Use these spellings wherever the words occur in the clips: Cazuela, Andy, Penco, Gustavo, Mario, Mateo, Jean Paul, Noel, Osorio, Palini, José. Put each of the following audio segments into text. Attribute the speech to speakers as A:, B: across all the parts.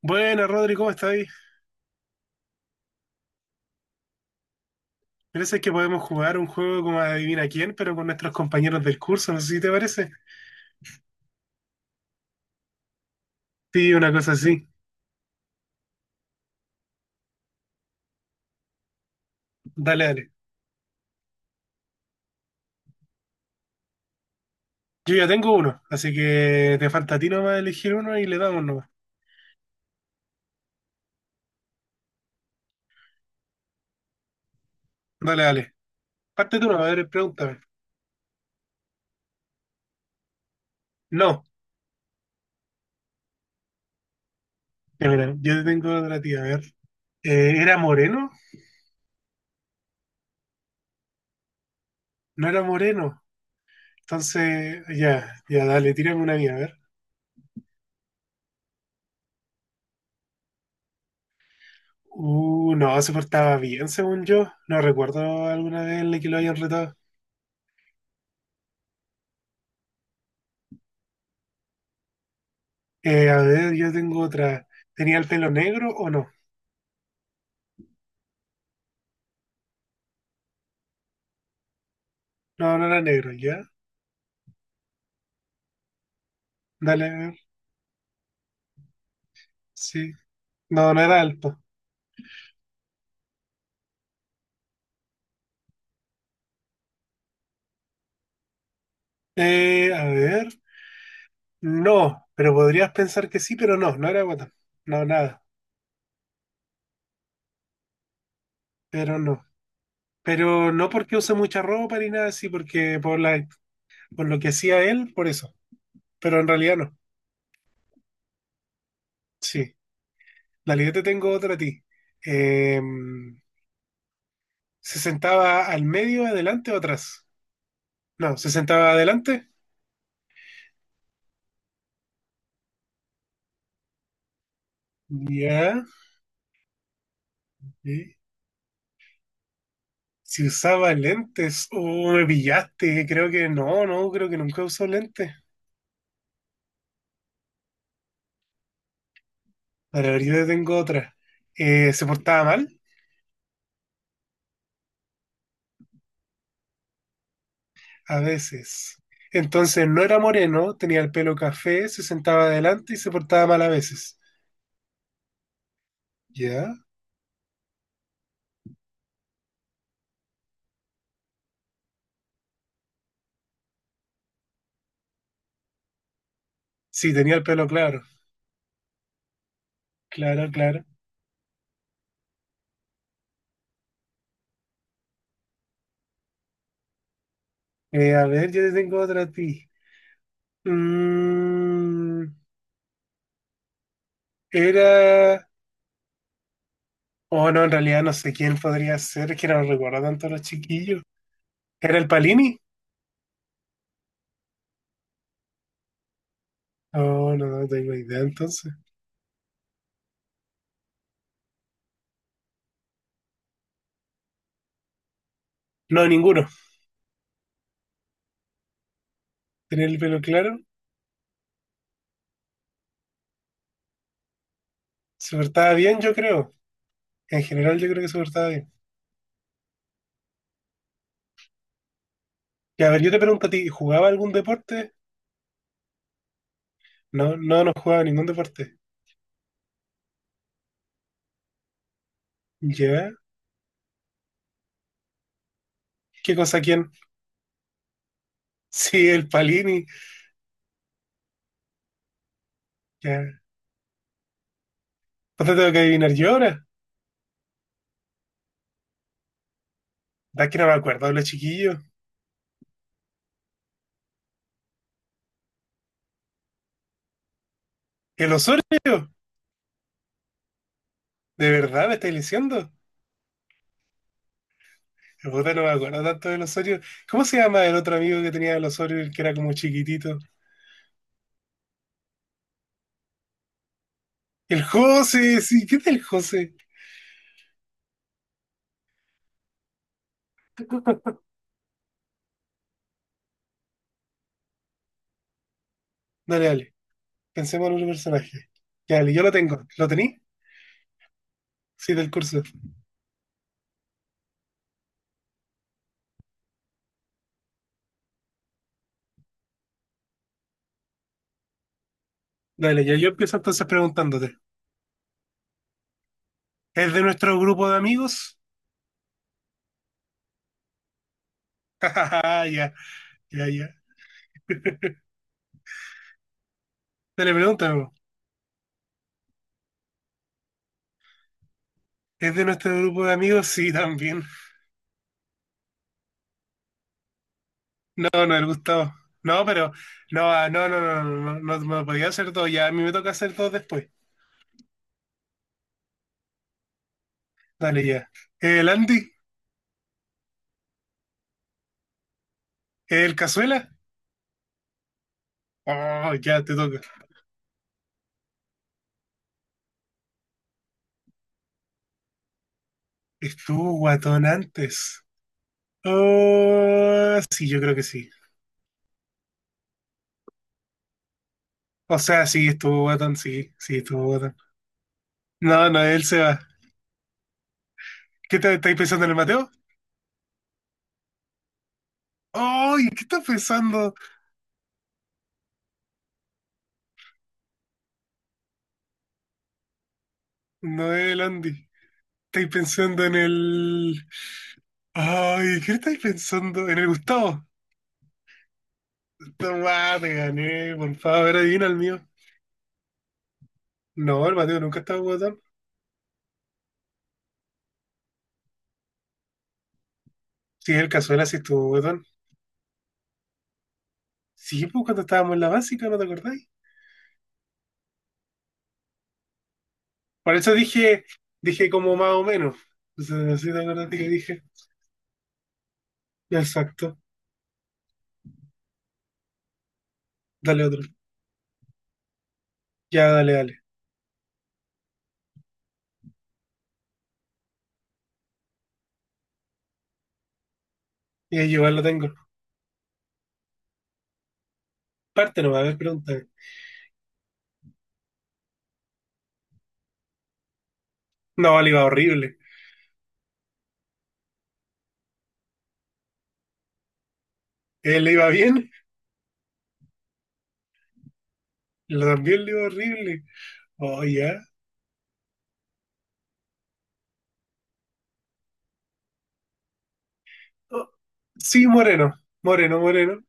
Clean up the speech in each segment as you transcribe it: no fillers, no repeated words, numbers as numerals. A: Buenas, Rodri, ¿cómo estás ahí? Parece que podemos jugar un juego como Adivina quién, pero con nuestros compañeros del curso, no sé si te parece. Sí, una cosa así. Dale, dale. Yo ya tengo uno, así que te falta a ti nomás elegir uno y le damos nomás. Dale, dale. Parte tú, nomás, a ver, pregúntame. No. Ya, mira, yo te tengo otra tía, a ver. ¿Era moreno? No era moreno. Entonces, ya, ya, dale, tírame una mía, a ver. No, se portaba bien, según yo. No recuerdo alguna vez en la que lo hayan retado. A ver, yo tengo otra. ¿Tenía el pelo negro o no? No, no era negro, ¿ya? Dale, a ver. Sí. No, no era alto. A ver. No, pero podrías pensar que sí, pero no, no era guatón. No, nada, pero no. Pero no porque use mucha ropa ni nada así, porque por la, por lo que hacía él, por eso. Pero en realidad no. Sí. Dale, yo te tengo otra a ti. Eh, ¿se sentaba al medio, adelante o atrás? No, ¿se sentaba adelante? Ya, sí. Si usaba lentes, me pillaste. Creo que no, no, creo que nunca usó lentes. Para ver, yo te tengo otra. Se portaba mal, a veces. Entonces no era moreno, tenía el pelo café, se sentaba adelante y se portaba mal a veces. ¿Ya? Sí, tenía el pelo claro. Claro, claro. A ver, yo te tengo otra a ti. Mm, Era. Oh, no, en realidad no sé quién podría ser, es que no recuerdo tanto a los chiquillos. ¿Era el Palini? Oh, no, no tengo idea entonces. No, ninguno. Tenía el pelo claro. Se portaba bien, yo creo. En general, yo creo que se portaba bien. Y a ver, yo te pregunto a ti, ¿jugaba algún deporte? No, no, no jugaba ningún deporte. ¿Ya? ¿Qué cosa quién? Sí, el Palini. Ya. ¿Cuánto tengo que adivinar yo ahora? Da que no me acuerdo, los chiquillos. ¿El Osorio? ¿De verdad me estáis diciendo? Puta, no me acuerdo tanto del Osorio. ¿Cómo se llama el otro amigo que tenía el Osorio, el que era como chiquitito? El José, sí, ¿qué tal el José? Dale, dale. Pensemos en otro personaje. Dale, yo lo tengo. ¿Lo tení? Sí, del curso. Dale, ya yo empiezo entonces preguntándote. ¿Es de nuestro grupo de amigos? Ah, ya, ya, ya. Dale, pregúntame, po. ¿Es de nuestro grupo de amigos? Sí, también. No, no, el Gustavo. No, pero. No, ah, no, no, no, no, no, no me podía hacer todo ya. A mí me toca hacer todo después. Dale, ya. ¿El Andy? ¿El Cazuela? Oh, ya te toca. Estuvo guatón antes. Oh, sí, yo creo que sí. O sea, sí, estuvo guatón, sí, sí, estuvo guatón. No, Noel se va. ¿Qué te, estáis pensando en el Mateo? ¡Ay! ¿Qué estás pensando? Noel, Andy. ¿Estáis pensando en el. ¡Ay! ¿Qué estáis pensando? ¿En el Gustavo? Tomá, te gané, por favor, adivina el mío. No, el Mateo nunca estaba guatón. Sí, el Cazuela sí estuvo guatón. Sí, pues cuando estábamos en la básica, ¿no te acordáis? Por eso dije, dije como más o menos. Entonces, no sé si te acordaste que dije. Exacto. Dale otro. Ya, dale, dale. Y ahí igual lo tengo. Parte no va a haber preguntas. No, le iba horrible. Él le iba bien, lo también le iba horrible. Oh, ya. Oh, sí, moreno, moreno, moreno.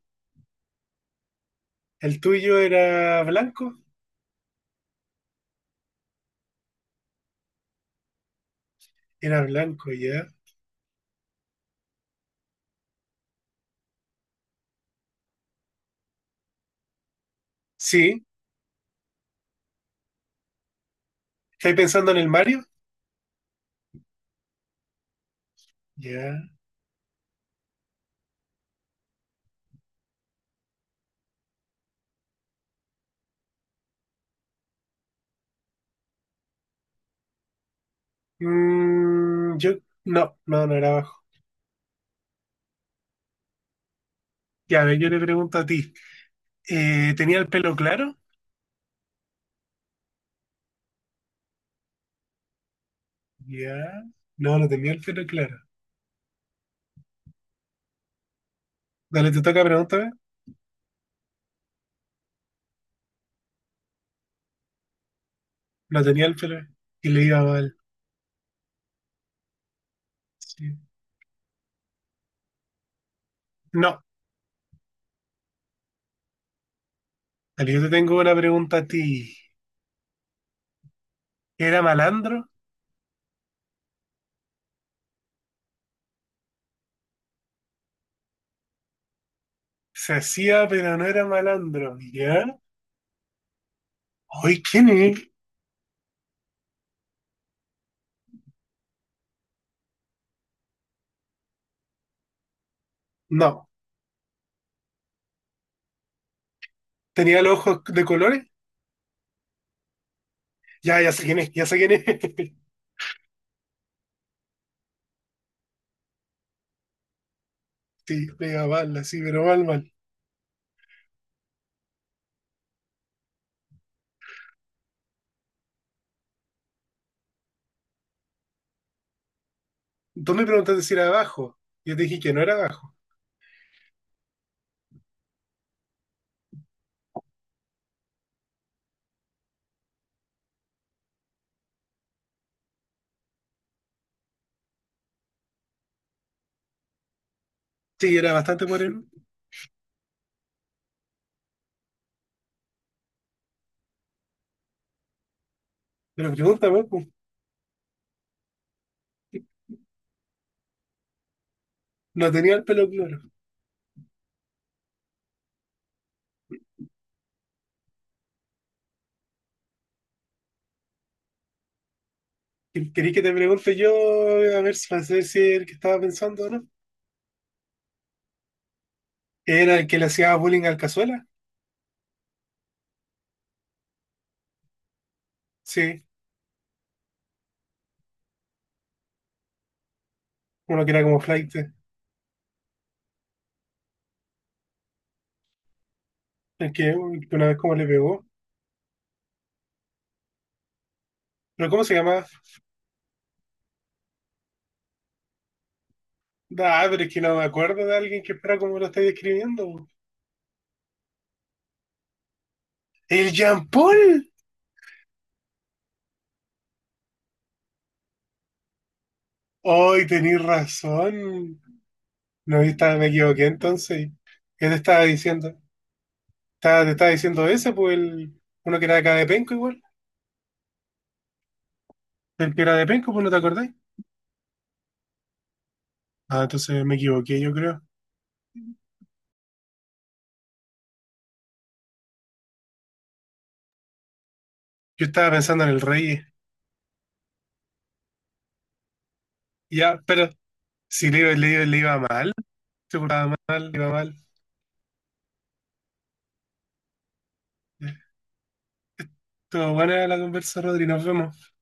A: El tuyo era blanco, ya. Sí, ¿estáis pensando en el Mario? Ya. Yo, no, no, no era abajo. Ya, a ver, yo le pregunto a ti. ¿Tenía el pelo claro? Ya. No, no tenía el pelo claro. Dale, te toca pregúntame. No tenía el pelo y le iba mal. Sí. No, dale, yo te tengo una pregunta a ti. ¿Era malandro? Se hacía, pero no era malandro. ¿Ya? ¿Hoy quién es? No. ¿Tenía los ojos de colores? Ya, ya sé quién es, ya sé quién es. Sí, pega mal, así, pero mal, mal. Tú me preguntaste si era abajo. Yo te dije que no era abajo. Sí, era bastante moreno. Pero pregúntame, pues, no tenía el pelo claro. ¿Querí que te pregunte yo, a ver, si- para saber si es el que estaba pensando o no? ¿Era el que le hacía bullying al Cazuela? Sí, uno que era como flight, el que una vez como le pegó. ¿Pero cómo se llamaba? Ah, pero es que no me acuerdo de alguien que fuera como lo estáis describiendo. ¡El Jean Paul! ¡Hoy tenéis razón! No, yo estaba- me equivoqué entonces. ¿Qué te estaba diciendo? Estaba- te estaba diciendo ese, pues el, uno que era de acá de Penco igual. El que era de Penco, pues no te acordáis. Ah, entonces me equivoqué, yo creo. Yo estaba pensando en el rey. Ya, pero si le iba, le iba, le iba mal, se portaba mal, le iba mal. Todo buena la conversa, Rodri, nos vemos.